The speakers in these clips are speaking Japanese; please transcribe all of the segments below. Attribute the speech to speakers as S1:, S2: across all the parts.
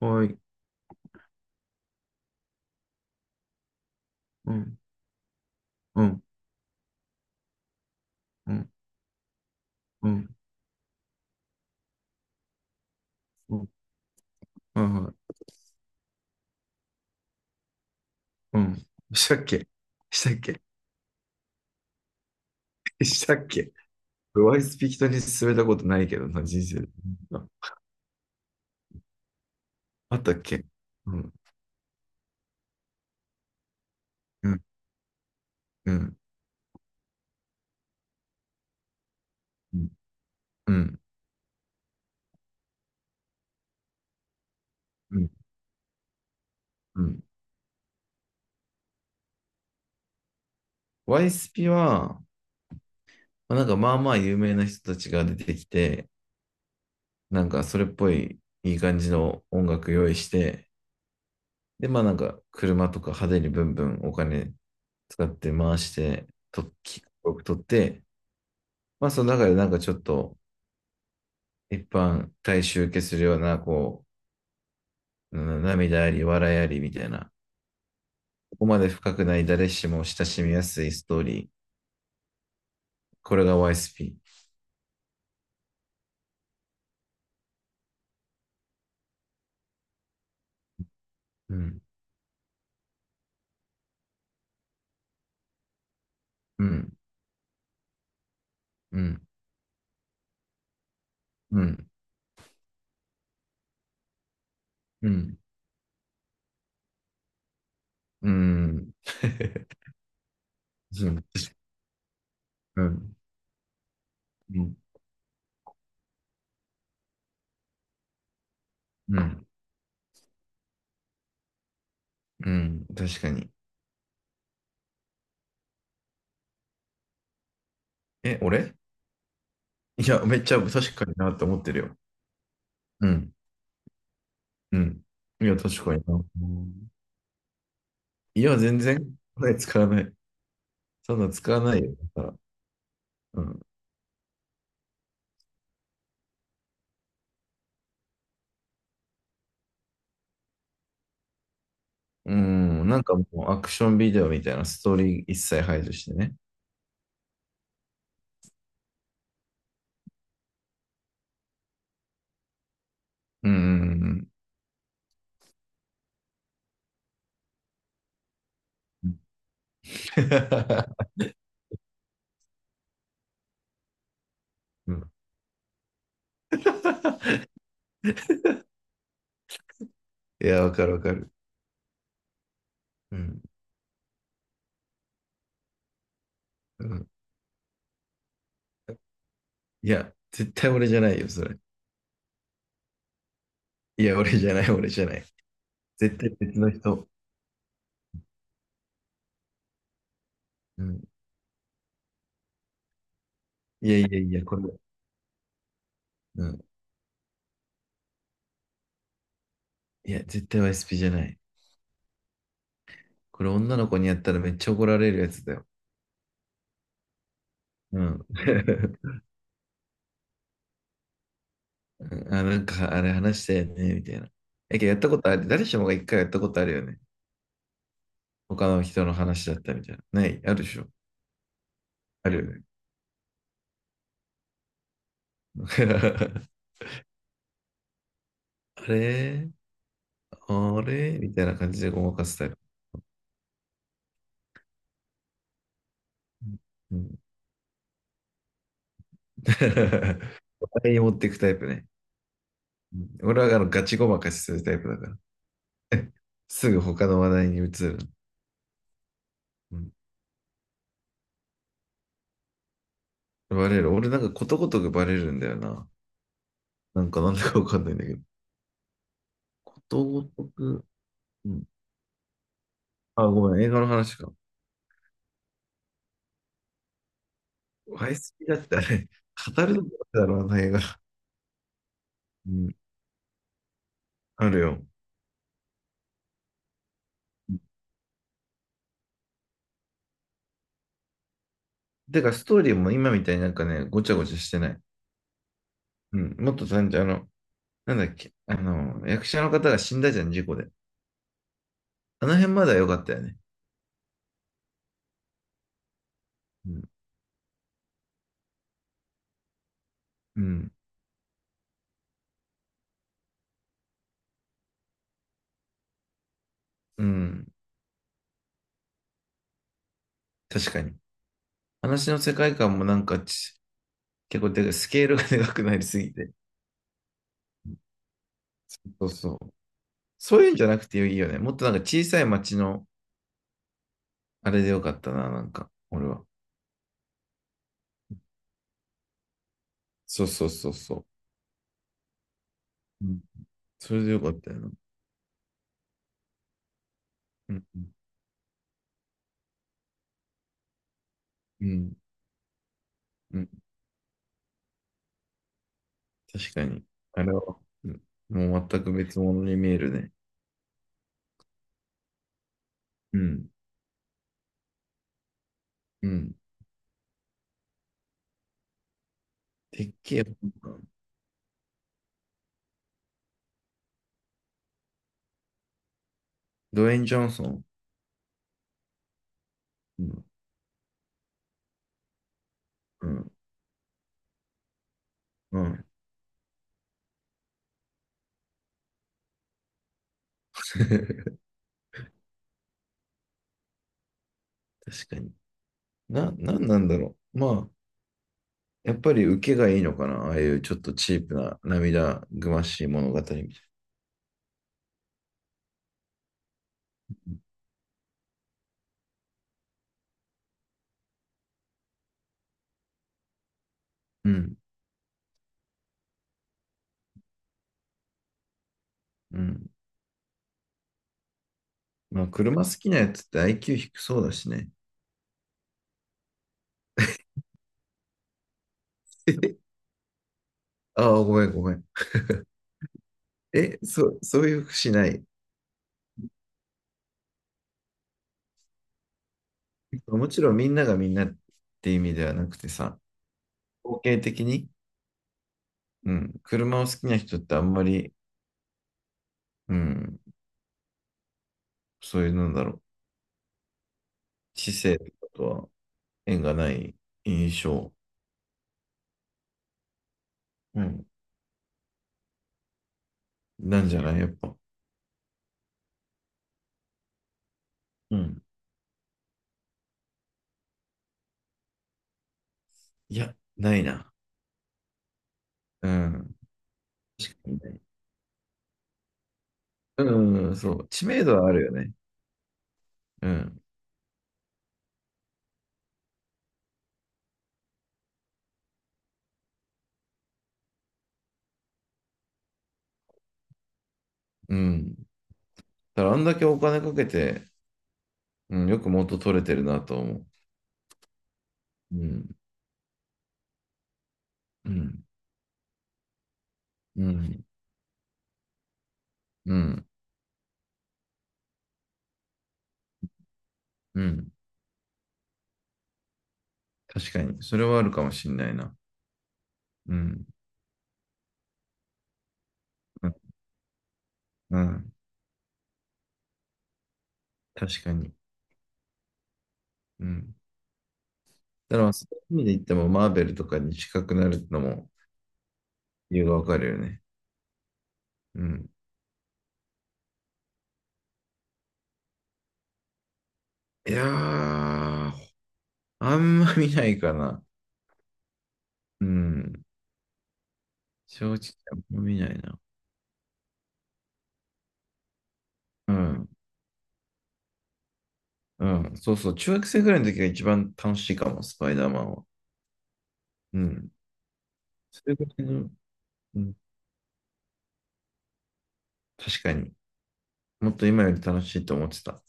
S1: はい。うん。うん。うん。うん。うん。はいはい。うん。したっけ。したっけ。したっけ。ワイスピ人に勧めたことないけどな、人生で。あ、あったっけ。うん。うん。うん。うん。うん。うん。うん。ワイスピは、まあなんかまあまあ有名な人たちが出てきて、なんかそれっぽいいい感じの音楽用意して、で、まあなんか車とか派手にブンブンお金使って回して、撮って、まあ、その中でなんかちょっと、一般大衆受けするような、こう、うん、涙あり、笑いありみたいな、ここまで深くない誰しも親しみやすいストーリー。これが YSP。うん、うん、うん、うん、うん、うん。うん、うん、うん、うん、うん、確かに。え、俺いや、めっちゃ確かになって思ってるよ。うん、うん。いや、確かにな。いや、全然、これ使わない。そんな使わないよ。だから。うん。うん、なんかもうアクションビデオみたいなストーリー一切排除してね。うん、うん、うん。うん、いや、わかるわかる。うん、うん。いや、絶対俺じゃないよ、それ。いや、俺じゃない、俺じゃない。絶対別の人。うん。いやいやいや、これ。うん。いや、絶対 YSP じゃない。これ女の子にやったらめっちゃ怒られるやつだよ。うん。あ、なんかあれ話したよね、みたいな。え、けどやったことある。誰しもが一回やったことあるよね。他の人の話だったみたいな。ない、あるでしょ。あるよね。あれ、あれみたいな感じでごまかすタイプ。うん。他に持っていくタイプね。うん、俺はあのガチごまかしするタイプだから。すぐ他の話題に移る。うん、バレる。俺なんかことごとくバレるんだよな。なんかなんだかわかんないんだけど。ことごとく。うん、あ、ごめん、映画の話か。ワイスピだってあれ、語るのだろうな、映画。うん、あるよ。だからストーリーも今みたいになんかね、ごちゃごちゃしてない。うん、もっと単純、あの、なんだっけ、あの、役者の方が死んだじゃん、事故で。あの辺まだ良かったよね。うん、うん、うん、確かに。話の世界観もなんか結構でかスケールがでかくなりすぎて。そうそう。そういうんじゃなくていいよね。もっとなんか小さい町のあれでよかったな、なんか、俺は。そうそうそうそう。うん、それでよかったよな。うん、うん、うん。うん、確かに。あれは、うん、もう全く別物に見えるね。うん。うん。てっきり、ドウェイン・ジョンソン。うん。うん。うん。確かに。なんなんだろう。まあ、やっぱり受けがいいのかな。ああいうちょっとチープな涙ぐましい物語みたいな。うん。うん。まあ、車好きなやつって IQ 低そうだしね。えああ、ごめん、ごめん。え、そういうふうしない。もちろんみんながみんなって意味ではなくてさ、統計的に。うん。車を好きな人ってあんまり、うん、そういう、なんだろう、知性とかとは縁がない印象、うん、なんじゃないやっぱ。うん。いや、ないな。うん。確かにない。うん、そう。知名度はあるよね。うん。うん。だからあんだけお金かけて、うん、よく元取れてるなと思う。うん。うん。うん。うん。うん。確かに。それはあるかもしんないな。うん。うん。うん、確かに。うん。だから、そういう意味で言っても、マーベルとかに近くなるのも理由がわかるよね。うん。いやー、あんま見ないかな。うん。正直、あんま見ないな。うん。うん。そうそう。中学生ぐらいの時が一番楽しいかも、スパイダーマンは。うん。それぐらいの、うん。確かに。もっと今より楽しいと思ってた。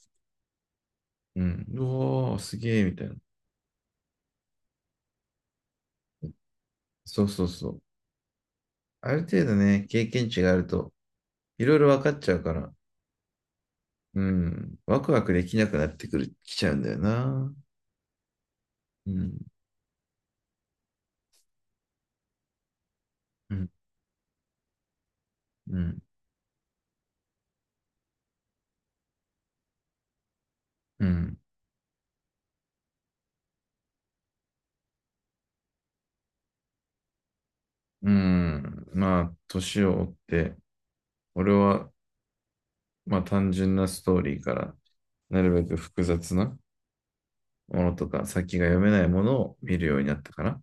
S1: うん。うおー、すげー、みたいな。そうそうそう。ある程度ね、経験値があると、いろいろ分かっちゃうから、うん。ワクワクできなくなってくる、きちゃうんだよな。うん。うん。うん。うん。うん、まあ、年を追って、俺は、まあ、単純なストーリーから、なるべく複雑なものとか、先が読めないものを見るようになったかな。